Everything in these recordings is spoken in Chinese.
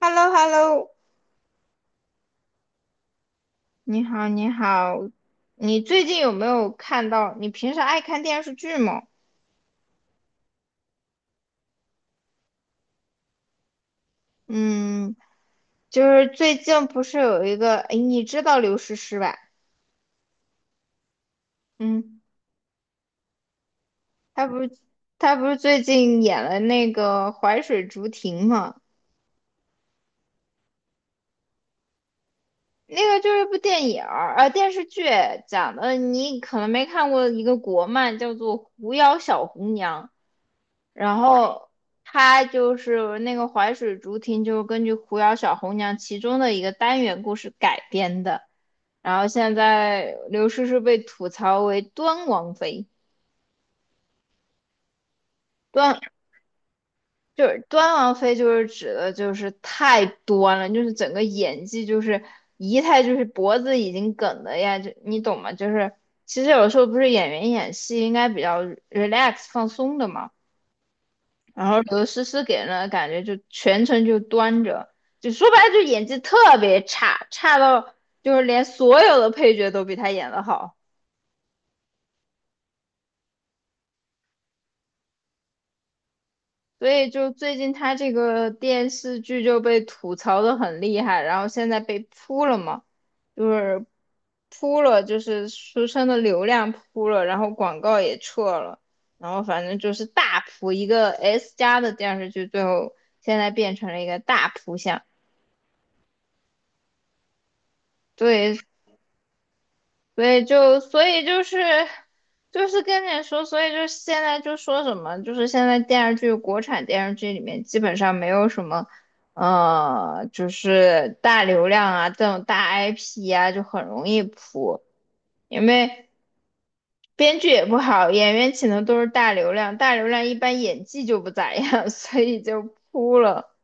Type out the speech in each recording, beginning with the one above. h e l l o h e l l o 你好，你好，你最近有没有看到？你平时爱看电视剧吗？嗯，就是最近不是有一个，哎，你知道刘诗诗吧？嗯，她不是她不是最近演了那个《淮水竹亭》吗？那个就是一部电影儿，电视剧讲的，你可能没看过一个国漫，叫做《狐妖小红娘》。然后他就是那个淮水竹亭，就是根据《狐妖小红娘》其中的一个单元故事改编的。然后现在刘诗诗被吐槽为端王妃，端就是端王妃，就是指的就是太端了，就是整个演技就是仪态就是脖子已经梗的呀，就你懂吗？就是其实有时候不是演员演戏应该比较 relax 放松的嘛。然后刘诗诗给人的感觉就全程就端着，就说白了就演技特别差，差到就是连所有的配角都比她演得好，所以就最近她这个电视剧就被吐槽的很厉害，然后现在被扑了嘛，就是扑了，就是书生的流量扑了，然后广告也撤了，然后反正就是大扑一个 S 加的电视剧，最后现在变成了一个大扑相。对，所以就是跟你说，所以就现在就说什么，就是现在电视剧国产电视剧里面基本上没有什么，就是大流量啊这种大 IP 啊，就很容易扑，因为编剧也不好，演员请的都是大流量，大流量一般演技就不咋样，所以就扑了。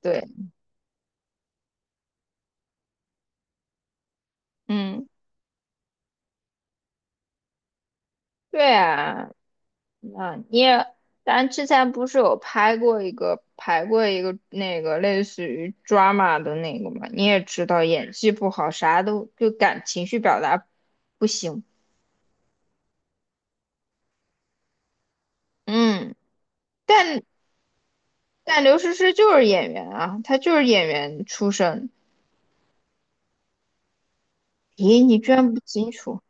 对，嗯，对啊。那你也，咱之前不是有拍过一个排过一个那个类似于 drama 的那个嘛？你也知道演技不好，啥都就感情绪表达不行。嗯，但但刘诗诗就是演员啊，她就是演员出身。咦，你居然不清楚？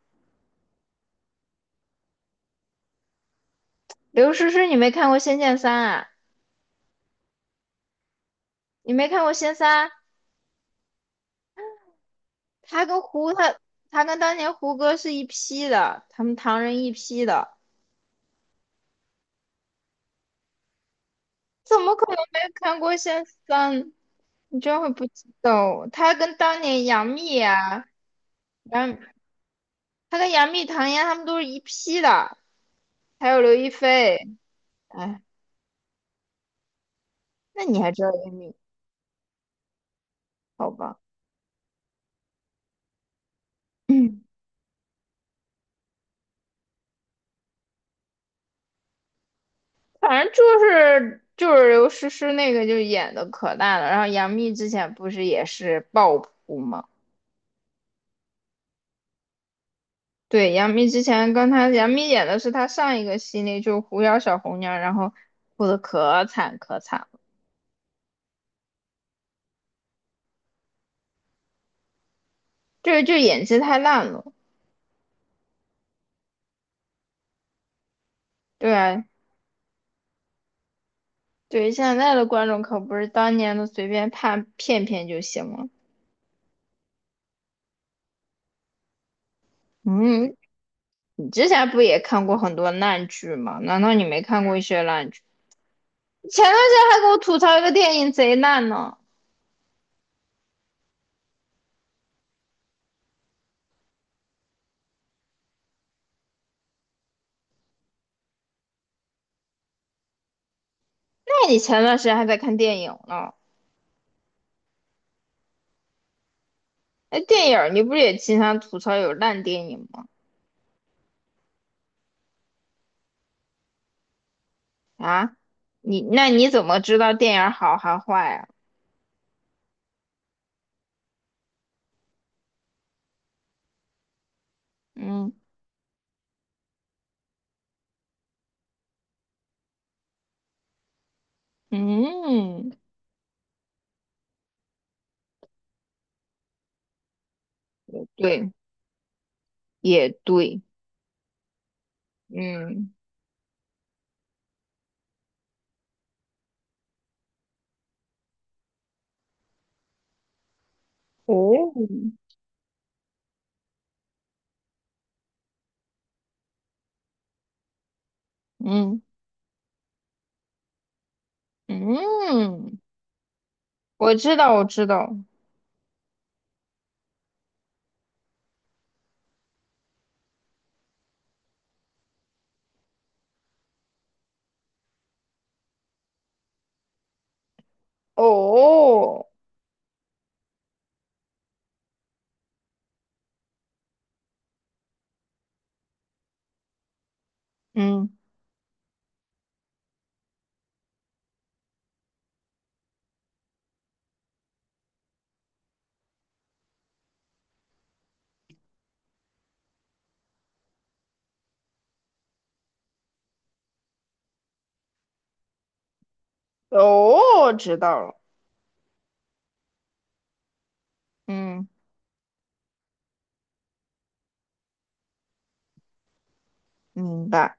刘诗诗，你没看过《仙剑三》啊？你没看过《仙三》？她跟胡她她跟当年胡歌是一批的，他们唐人一批的，怎么可能没看过《仙三》？你居然会不知道，他跟当年杨幂啊，杨，他跟杨幂、唐嫣他们都是一批的，还有刘亦菲。哎，那你还知道杨幂？好吧，嗯，反正就是刘诗诗那个就演的可烂了，然后杨幂之前不是也是爆扑吗？对，杨幂之前跟杨幂演的是她上一个系列，就是《狐妖小红娘》，然后哭的可惨可惨了，就演技太烂了。对啊，对，现在的观众可不是当年的随便判骗骗就行了。嗯，你之前不也看过很多烂剧吗？难道你没看过一些烂剧？前段时间还给我吐槽一个电影贼烂呢。那你前段时间还在看电影呢？哎，电影儿你不是也经常吐槽有烂电影吗？啊，那你怎么知道电影儿好还坏啊？嗯嗯，对，也对，嗯，哦，嗯嗯。我知道，我知道。哦，嗯，哦，知道了。嗯，明白。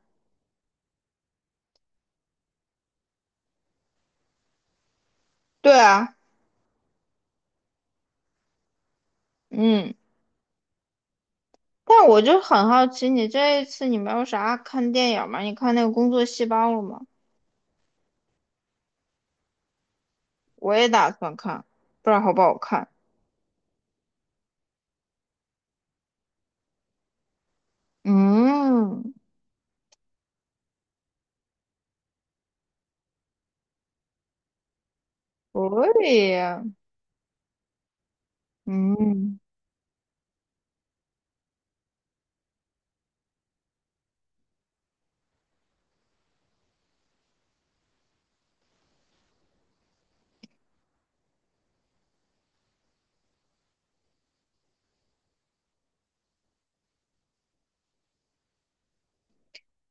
对啊，嗯。但我就很好奇，你这一次你没有啥看电影吗？你看那个《工作细胞》了吗？我也打算看，不知道好不好看。嗯，可以。嗯，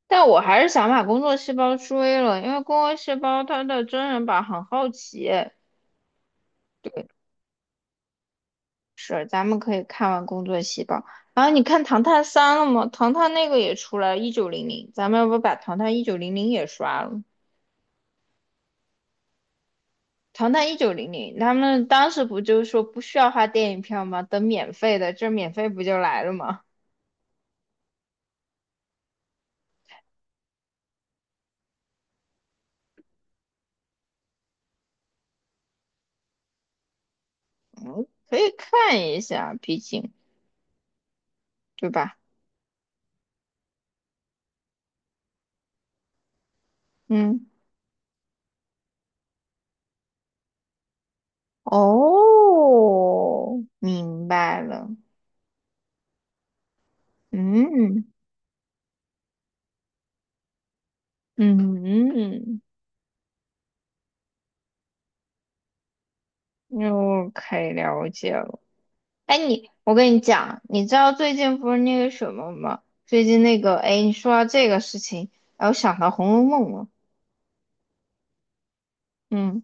但我还是想把《工作细胞》追了，因为《工作细胞》它的真人版很好奇。是，咱们可以看完《工作细胞》，然后你看《唐探三》了吗？《唐探》那个也出来一九零零，咱们要不把《唐探一九零零》也刷了？《唐探一九零零》，他们当时不就是说不需要花电影票吗？等免费的，这免费不就来了吗？嗯，可以看一下，毕竟对吧？嗯，哦，明白了。嗯嗯嗯可以了解了。哎，你，我跟你讲，你知道最近不是那个什么吗？最近那个，哎，你说到这个事情，然后想到《红楼梦》了。嗯，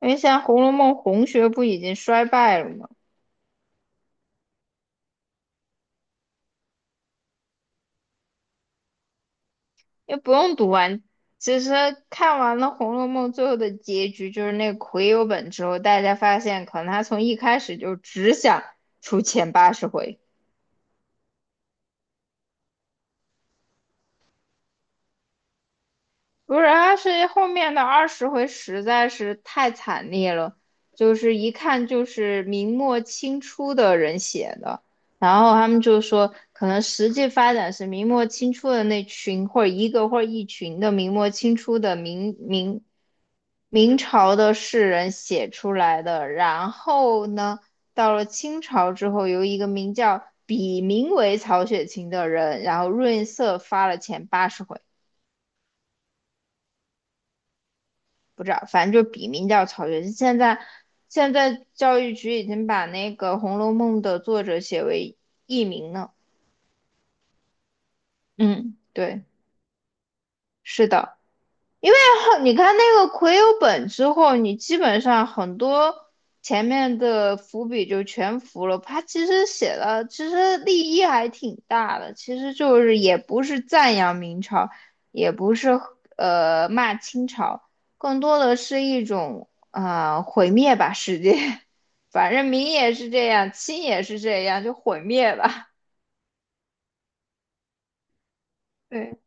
因为现在《红楼梦》红学不已经衰败了吗？也不用读完，其实看完了《红楼梦》最后的结局，就是那个癸酉本之后，大家发现可能他从一开始就只想出前八十回。不是，他是后面的20回实在是太惨烈了，就是一看就是明末清初的人写的，然后他们就说，可能实际发展是明末清初的那群，或者一个或者一群的明末清初的明朝的士人写出来的，然后呢，到了清朝之后，由一个名叫笔名为曹雪芹的人，然后润色发了前八十回。不知道，反正就笔名叫曹雪芹。现在教育局已经把那个《红楼梦》的作者写为佚名了。嗯，对，是的。因为你看那个魁有本之后，你基本上很多前面的伏笔就全伏了。他其实写的其实立意还挺大的，其实就是也不是赞扬明朝，也不是骂清朝，更多的是一种啊毁灭吧世界。反正明也是这样，清也是这样，就毁灭吧。对。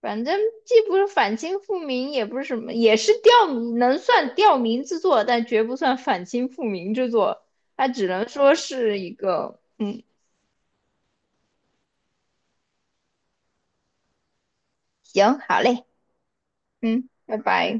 反正既不是反清复明，也不是什么，也是吊民，能算吊民之作，但绝不算反清复明之作。它只能说是一个，嗯，行，好嘞，嗯，拜拜。